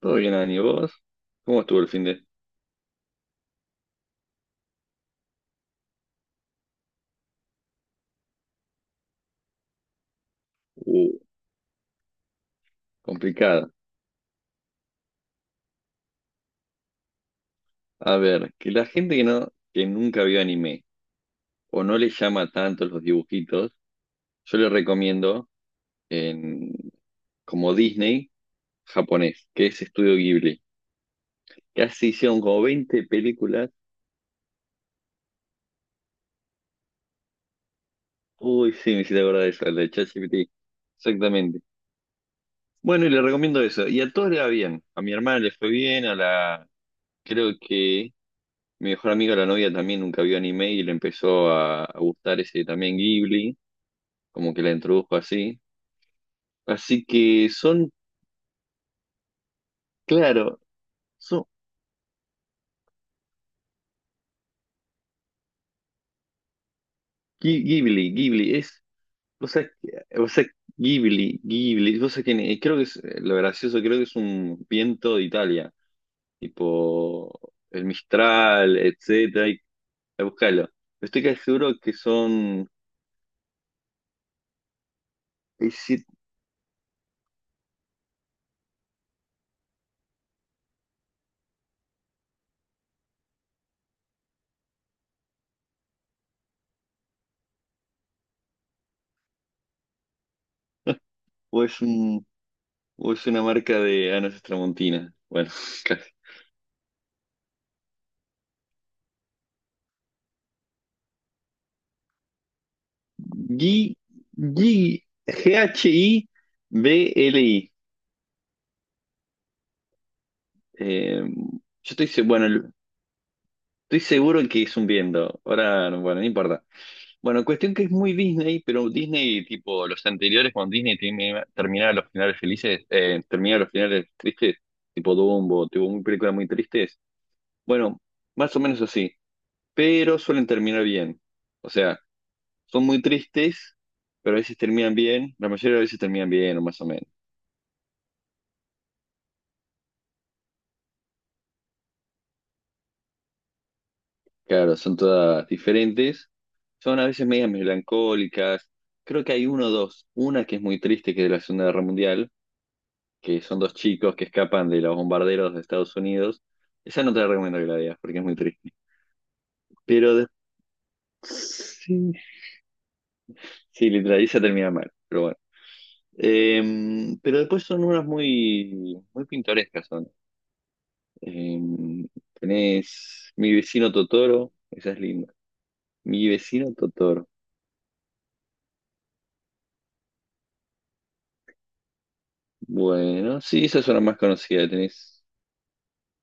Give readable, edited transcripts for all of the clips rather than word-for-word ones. Todo bien, Ani, ¿vos? ¿Cómo estuvo el fin de...? Uh, complicado. A ver, que la gente que nunca vio anime o no le llama tanto los dibujitos, yo le recomiendo en, como Disney japonés, que es Estudio Ghibli. Casi hicieron como 20 películas. Uy, sí, me hiciste acordar de eso, la de ChatGPT. Exactamente. Bueno, y le recomiendo eso. Y a todos le va bien. A mi hermana le fue bien, a la... Creo que mi mejor amiga, la novia, también nunca vio anime y le empezó a gustar ese también Ghibli, como que la introdujo así. Así que son, claro, son Ghibli, Ghibli, es, o sea, o sea, Ghibli, Ghibli, o sea, creo que es lo gracioso, creo que es un viento de Italia, tipo el Mistral, etcétera, y búscalo. Estoy casi seguro que son, es- si- o es un, o es una marca de Anas Tramontina, bueno, casi. G, G-H-I-B-L-I. Eh, yo estoy, bueno, estoy seguro que es un viendo. Ahora, bueno, no importa. Bueno, cuestión que es muy Disney, pero Disney, tipo, los anteriores, cuando Disney terminaba los finales felices, terminaba los finales tristes, tipo Dumbo, tipo una película muy tristes. Bueno, más o menos así, pero suelen terminar bien. O sea, son muy tristes, pero a veces terminan bien, la mayoría de las veces terminan bien, o más o menos. Claro, son todas diferentes. Son a veces medias melancólicas. Creo que hay uno o dos. Una que es muy triste, que es de la Segunda Guerra Mundial, que son dos chicos que escapan de los bombarderos de Estados Unidos. Esa no te la recomiendo que la veas, porque es muy triste. Pero de- sí, sí, literal, esa termina mal, pero bueno. Pero después son unas muy, muy pintorescas son. Em, tenés Mi vecino Totoro, esa es linda. Mi vecino Totoro. Bueno, sí, esas es una más conocida. Tenés,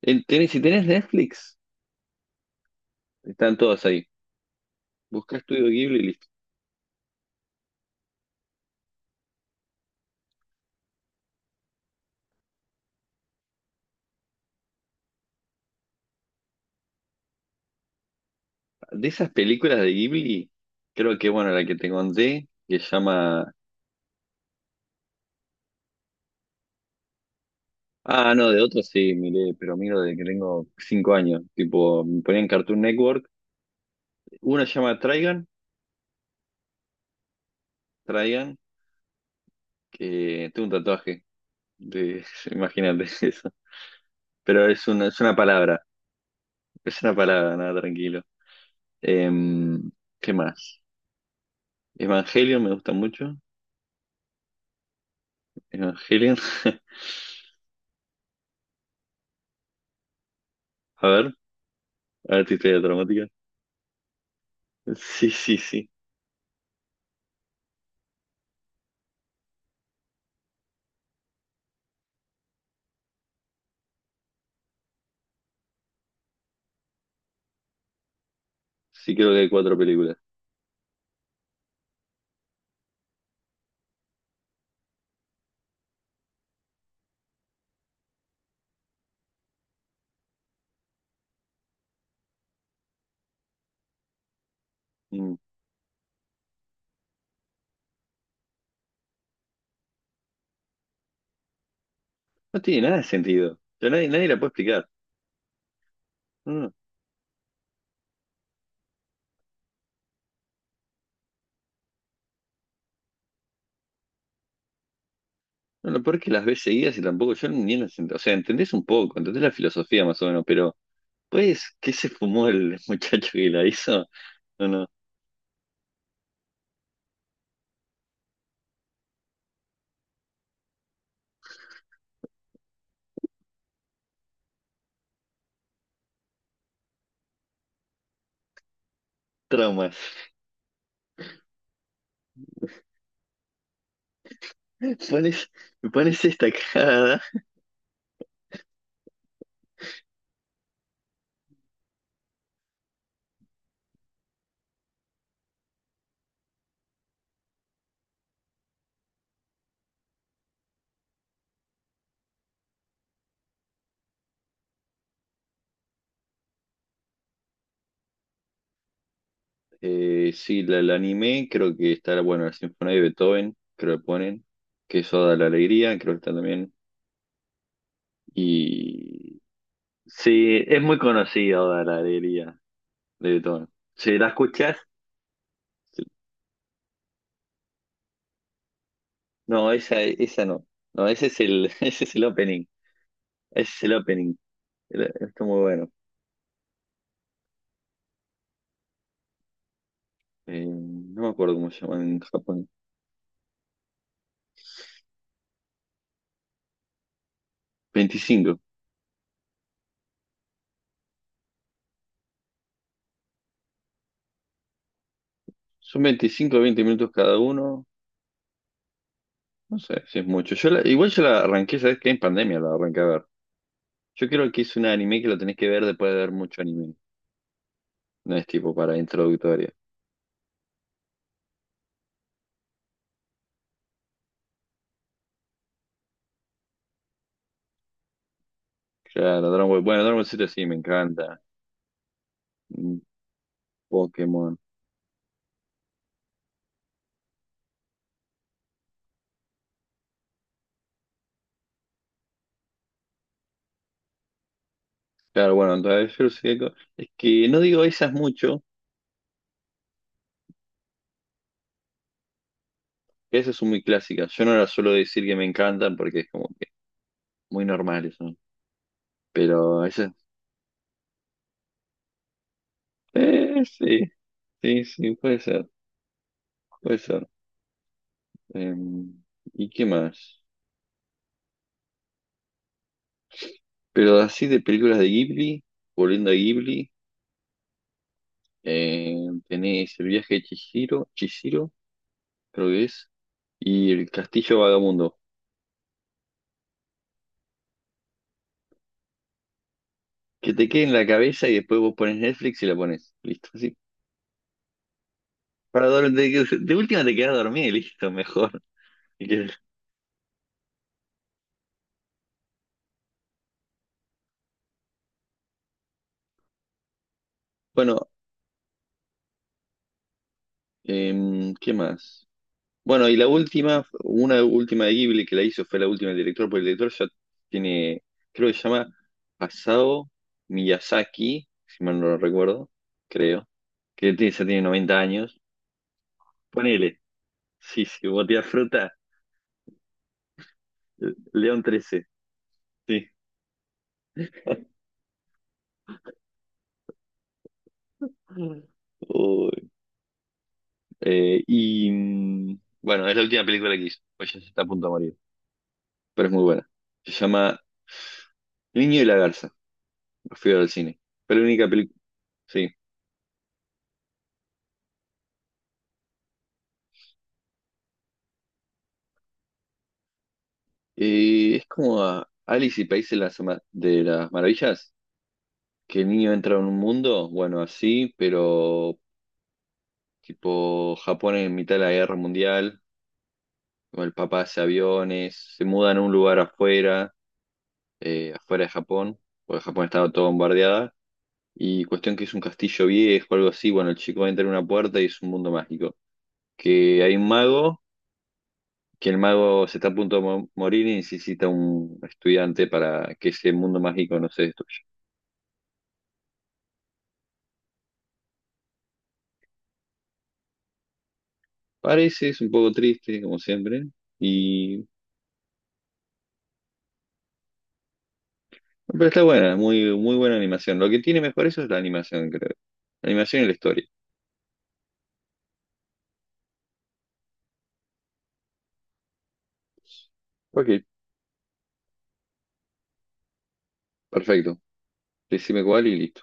si tenés Netflix, están todas ahí. Busca Estudio Ghibli y listo. De esas películas de Ghibli, creo que, bueno, la que te conté, que se llama... Ah, no, de otras sí, miré, pero miro desde que tengo 5 años. Tipo, me ponía en Cartoon Network. Una se llama Trigun, Trigun, que tengo un tatuaje. De, imagínate eso. Pero es una, es una palabra, nada, tranquilo. Em, ¿Qué más? Evangelion me gusta mucho. Evangelion. A ver, a ver tu historia dramática. Sí, sí, sí. Sí, creo que hay cuatro películas. Mm. No tiene nada de sentido. Pero nadie, nadie la puede explicar. No, no. No, lo peor es que las ves seguidas y tampoco yo ni las entiendo. O sea, entendés un poco, entendés la filosofía más o menos, pero pues, ¿qué se fumó el muchacho que la hizo? No, no, traumas. ¿Pones, me pones esta cara? Sí, la anime, creo que está, bueno, la Sinfonía de Beethoven, creo que ponen, que es Oda a la Alegría, creo que está también. Y sí, es muy conocida Oda la alegría de Beethoven. Si la escuchas, no, esa no. No, ese es el, ese es el opening. Ese es el opening. Está muy bueno. No me acuerdo cómo se llaman en Japón. Veinticinco Son 25 o 20 minutos cada uno. No sé si es mucho. Igual yo la arranqué, ¿sabes qué? En pandemia la arranqué a ver. Yo creo que es un anime que lo tenés que ver después de ver mucho anime. No es tipo para introductoria. Claro, Dragon Ball. Bueno, Dragon Ball Z sí, me encanta. Pokémon. Claro, bueno, es que no digo esas mucho, que esas son muy clásicas. Yo no las suelo decir que me encantan porque es como que muy normal eso, ¿no? Pero esas, sí, sí, sí, puede ser, puede ser. Eh, ¿Y qué más? Pero así de películas de Ghibli, volviendo a Ghibli, eh, tenés El viaje de Chihiro, Chihiro, creo que es, y El castillo vagamundo. Que te quede en la cabeza y después vos pones Netflix y la pones. Listo, así. Para dor- de, que- de última te quedas dormida y listo, mejor. Y que- Bueno, ¿qué más? Bueno, y la última, una última de Ghibli que la hizo fue la última del director, porque el director ya tiene, creo que se llama Asao Miyazaki, si mal no lo recuerdo, creo, ya tiene 90 años. Ponele, sí, sí, botea fruta, León 13 sí. Mm. Uy, y bueno, es la última película que hizo, pues ya se está a punto de morir. Pero es muy buena. Se llama El niño y la garza. Lo fui a ver al cine. Fue la única película. Sí. Y es como a Alice y País de las, de las Maravillas, que el niño entra en un mundo, bueno, así, pero tipo Japón en mitad de la guerra mundial, con el papá hace aviones, se mudan a un lugar afuera, afuera de Japón, porque Japón estaba todo bombardeada. Y cuestión que es un castillo viejo, algo así, bueno, el chico entra en una puerta y es un mundo mágico. Que hay un mago que el mago se está a punto de morir y necesita un estudiante para que ese mundo mágico no se destruya. Parece, es un poco triste, como siempre, y... pero está buena, muy, muy buena animación. Lo que tiene mejor eso es la animación, creo. La animación y la historia. Ok, perfecto. Decime cuál y listo.